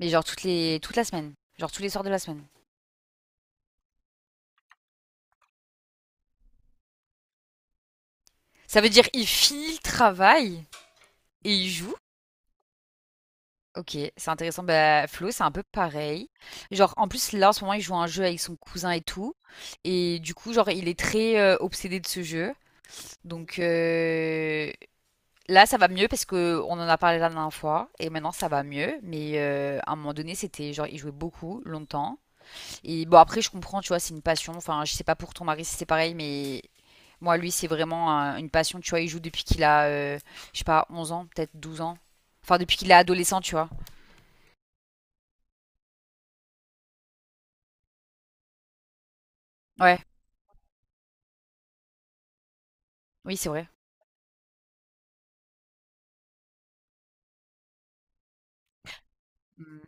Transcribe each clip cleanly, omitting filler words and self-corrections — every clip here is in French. Mais genre toute la semaine. Genre tous les soirs de la semaine. Ça veut dire il finit le travail et il joue. Ok, c'est intéressant. Bah, Flo, c'est un peu pareil. Genre, en plus, là, en ce moment, il joue à un jeu avec son cousin et tout. Et du coup, genre, il est très obsédé de ce jeu. Donc, là, ça va mieux parce que on en a parlé la dernière fois. Et maintenant, ça va mieux. Mais à un moment donné, c'était genre, il jouait beaucoup, longtemps. Et bon, après, je comprends, tu vois, c'est une passion. Enfin, je sais pas pour ton mari si c'est pareil, mais moi, lui, c'est vraiment une passion, tu vois. Il joue depuis qu'il a, je sais pas, 11 ans, peut-être 12 ans. Enfin, depuis qu'il est adolescent, tu vois. Ouais, oui, c'est vrai. Mm.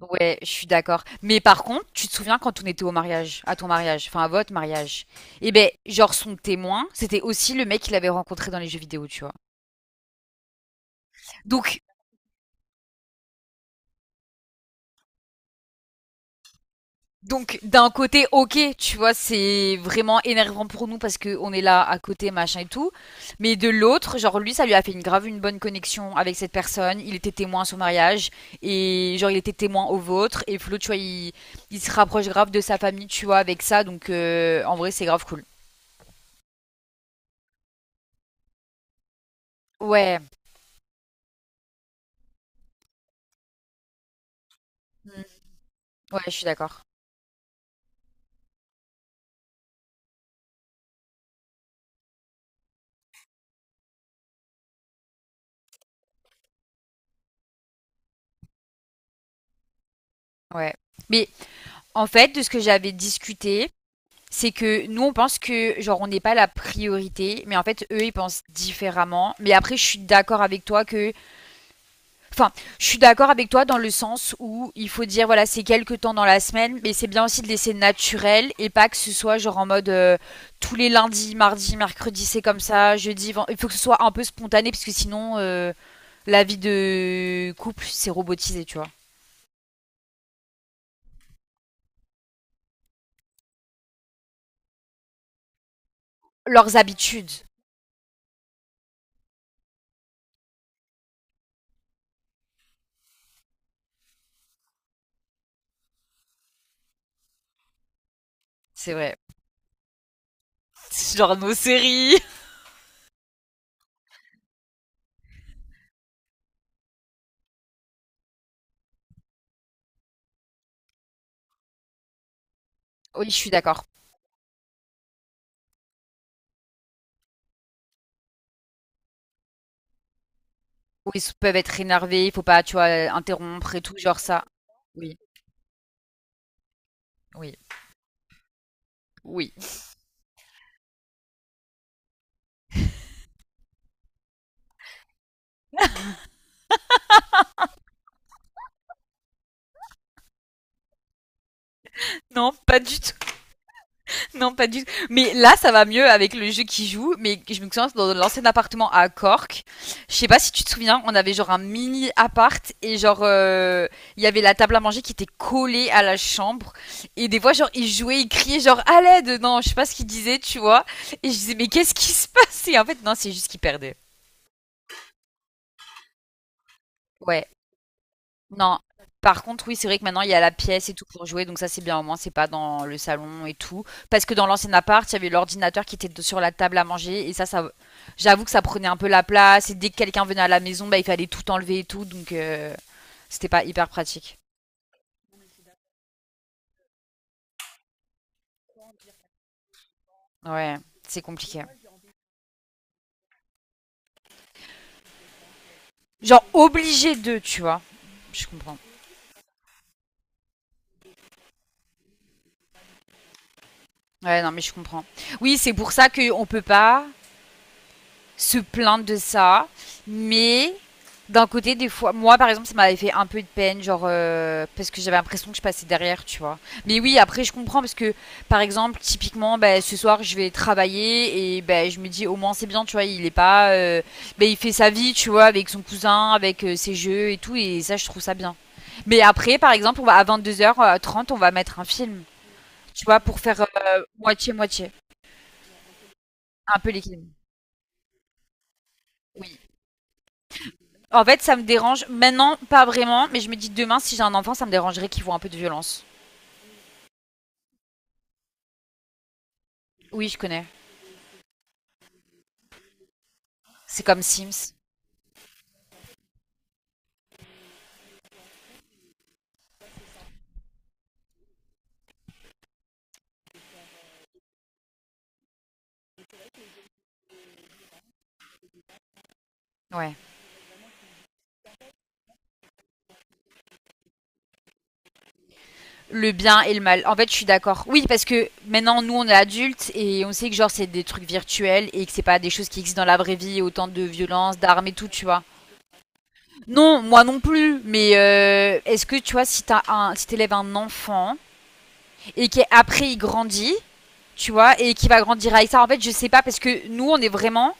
Ouais, je suis d'accord. Mais par contre, tu te souviens quand on était au mariage, à ton mariage, enfin à votre mariage, et ben, genre son témoin, c'était aussi le mec qu'il avait rencontré dans les jeux vidéo, tu vois. Donc, Donc d'un côté, ok, tu vois, c'est vraiment énervant pour nous parce que on est là à côté, machin et tout. Mais de l'autre, genre lui, ça lui a fait une bonne connexion avec cette personne. Il était témoin à son mariage et genre il était témoin au vôtre. Et Flo, tu vois, il se rapproche grave de sa famille, tu vois, avec ça. Donc en vrai, c'est grave cool. Ouais, Mm. Ouais, je suis d'accord. Ouais. Mais en fait, de ce que j'avais discuté, c'est que nous on pense que genre on n'est pas la priorité, mais en fait eux ils pensent différemment. Mais après je suis d'accord avec toi que, enfin je suis d'accord avec toi dans le sens où il faut dire voilà c'est quelques temps dans la semaine, mais c'est bien aussi de laisser naturel et pas que ce soit genre en mode tous les lundis, mardis, mercredis c'est comme ça, jeudi, il faut que ce soit un peu spontané parce que sinon la vie de couple c'est robotisé tu vois. Leurs habitudes, c'est vrai. Genre nos séries. Oui je suis d'accord. Où ils peuvent être énervés, il faut pas, tu vois, interrompre et tout, genre ça. Oui, oui, oui. Non, pas du tout. Non, pas du tout. Mais là, ça va mieux avec le jeu qui joue. Mais je me souviens, dans l'ancien appartement à Cork, je sais pas si tu te souviens, on avait genre un mini appart et genre, il y avait la table à manger qui était collée à la chambre. Et des fois, genre, ils jouaient, ils criaient, genre, à l'aide. Non, je sais pas ce qu'ils disaient, tu vois. Et je disais, mais qu'est-ce qui se passe? Et en fait, non, c'est juste qu'ils perdaient. Ouais. Non. Par contre, oui, c'est vrai que maintenant il y a la pièce et tout pour jouer, donc ça c'est bien au moins, c'est pas dans le salon et tout. Parce que dans l'ancien appart, il y avait l'ordinateur qui était sur la table à manger et ça, j'avoue que ça prenait un peu la place. Et dès que quelqu'un venait à la maison, bah, il fallait tout enlever et tout, donc c'était pas hyper pratique. Ouais, c'est compliqué. Genre obligé de, tu vois. Je comprends. Ouais, non, mais je comprends. Oui, c'est pour ça qu'on peut pas se plaindre de ça, mais d'un côté, des fois, moi par exemple, ça m'avait fait un peu de peine, genre parce que j'avais l'impression que je passais derrière, tu vois. Mais oui, après, je comprends parce que, par exemple, typiquement, bah, ce soir, je vais travailler et bah, je me dis au moins c'est bien, tu vois, il est pas, bah, il fait sa vie, tu vois, avec son cousin, avec ses jeux et tout, et ça, je trouve ça bien. Mais après, par exemple, on va à 22h30, on va mettre un film, tu vois, pour faire moitié moitié, un peu l'équilibre. Oui. En fait, ça me dérange maintenant, pas vraiment, mais je me dis demain, si j'ai un enfant, ça me dérangerait qu'il voit un peu de violence. Oui, je connais. C'est comme Sims. Ouais. Le bien et le mal. En fait, je suis d'accord. Oui, parce que maintenant, nous, on est adultes et on sait que genre c'est des trucs virtuels et que c'est pas des choses qui existent dans la vraie vie, autant de violence, d'armes et tout, tu vois. Non, moi non plus. Mais est-ce que tu vois, si t'élèves un enfant et qu'après il grandit, tu vois, et qui va grandir avec ça. En fait, je sais pas parce que nous, on est vraiment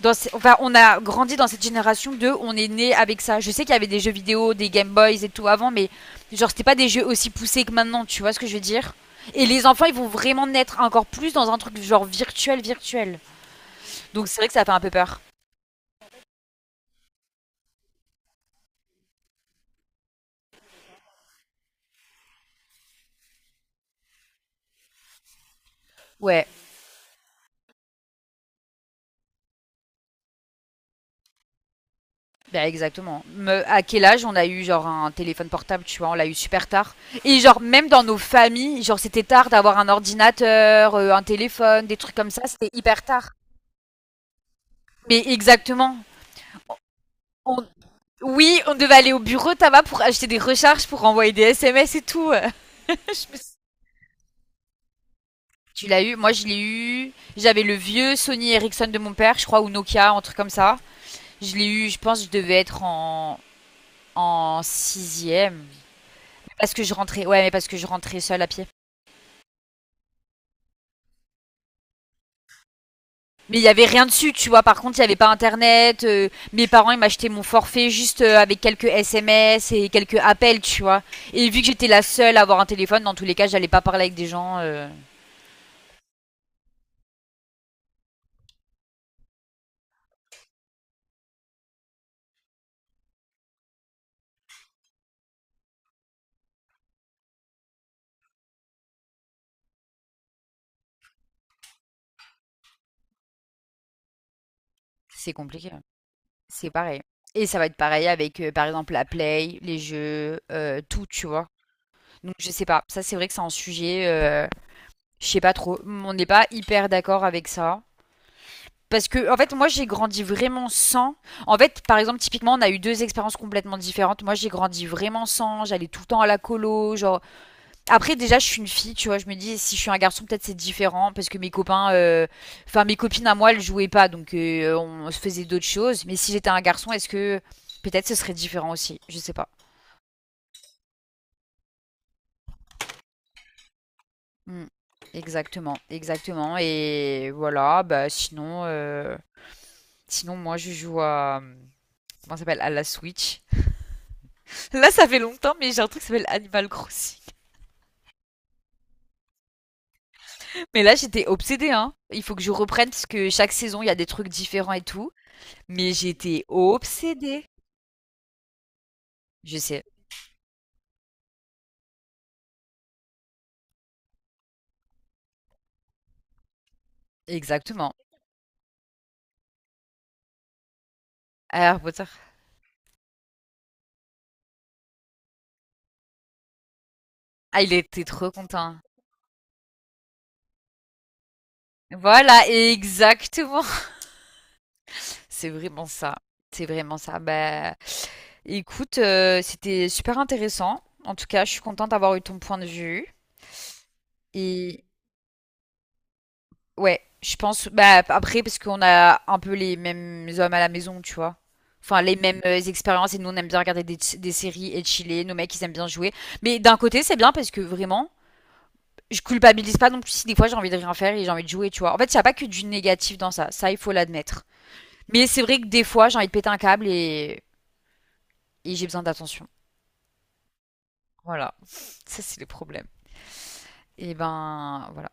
dans enfin, on a grandi dans cette génération de on est né avec ça. Je sais qu'il y avait des jeux vidéo, des Game Boys et tout avant, mais genre c'était pas des jeux aussi poussés que maintenant, tu vois ce que je veux dire. Et les enfants, ils vont vraiment naître encore plus dans un truc genre virtuel, virtuel. Donc c'est vrai que ça fait un peu peur. Ouais, bah exactement. À quel âge on a eu genre un téléphone portable, tu vois, on l'a eu super tard. Et genre même dans nos familles, genre c'était tard d'avoir un ordinateur, un téléphone, des trucs comme ça, c'était hyper tard. Mais exactement. On, Oui, on devait aller au bureau tabac pour acheter des recharges, pour envoyer des SMS et tout. Je me tu l'as eu? Moi, je l'ai eu. J'avais le vieux Sony Ericsson de mon père, je crois, ou Nokia, un truc comme ça. Je l'ai eu, je pense, que je devais être en sixième. Parce que je rentrais, ouais, mais parce que je rentrais seule à pied. Mais il y avait rien dessus, tu vois. Par contre, il y avait pas internet. Mes parents, ils m'achetaient mon forfait juste avec quelques SMS et quelques appels, tu vois. Et vu que j'étais la seule à avoir un téléphone, dans tous les cas, j'allais pas parler avec des gens. C'est compliqué. C'est pareil. Et ça va être pareil avec, par exemple, la play, les jeux, tout, tu vois. Donc, je sais pas. Ça, c'est vrai que c'est un sujet, je sais pas trop. On n'est pas hyper d'accord avec ça. Parce que, en fait, moi, j'ai grandi vraiment sans. En fait, par exemple, typiquement, on a eu deux expériences complètement différentes. Moi, j'ai grandi vraiment sans. J'allais tout le temps à la colo. Genre, après, déjà, je suis une fille, tu vois. Je me dis, si je suis un garçon, peut-être c'est différent parce que mes copains, enfin mes copines à moi, elles jouaient pas, donc on se faisait d'autres choses. Mais si j'étais un garçon, est-ce que peut-être ce serait différent aussi? Je sais pas. Hmm. Exactement, exactement. Et voilà, bah sinon, moi je joue à comment ça s'appelle à la Switch. Là, ça fait longtemps, mais j'ai un truc qui s'appelle Animal Crossing. Mais là, j'étais obsédée, hein. Il faut que je reprenne parce que chaque saison, il y a des trucs différents et tout. Mais j'étais obsédée. Je sais, exactement. Harry Potter. Ah, il était trop content. Voilà, exactement. C'est vraiment ça. C'est vraiment ça. Bah, écoute, c'était super intéressant. En tout cas, je suis contente d'avoir eu ton point de vue. Et ouais, je pense. Bah, après, parce qu'on a un peu les mêmes hommes à la maison, tu vois. Enfin, les mêmes expériences. Et nous, on aime bien regarder des séries et chiller. Nos mecs, ils aiment bien jouer. Mais d'un côté, c'est bien parce que vraiment, je culpabilise pas non plus si des fois j'ai envie de rien faire et j'ai envie de jouer, tu vois. En fait, il n'y a pas que du négatif dans ça, ça il faut l'admettre. Mais c'est vrai que des fois j'ai envie de péter un câble et j'ai besoin d'attention. Voilà, ça c'est le problème. Et ben voilà.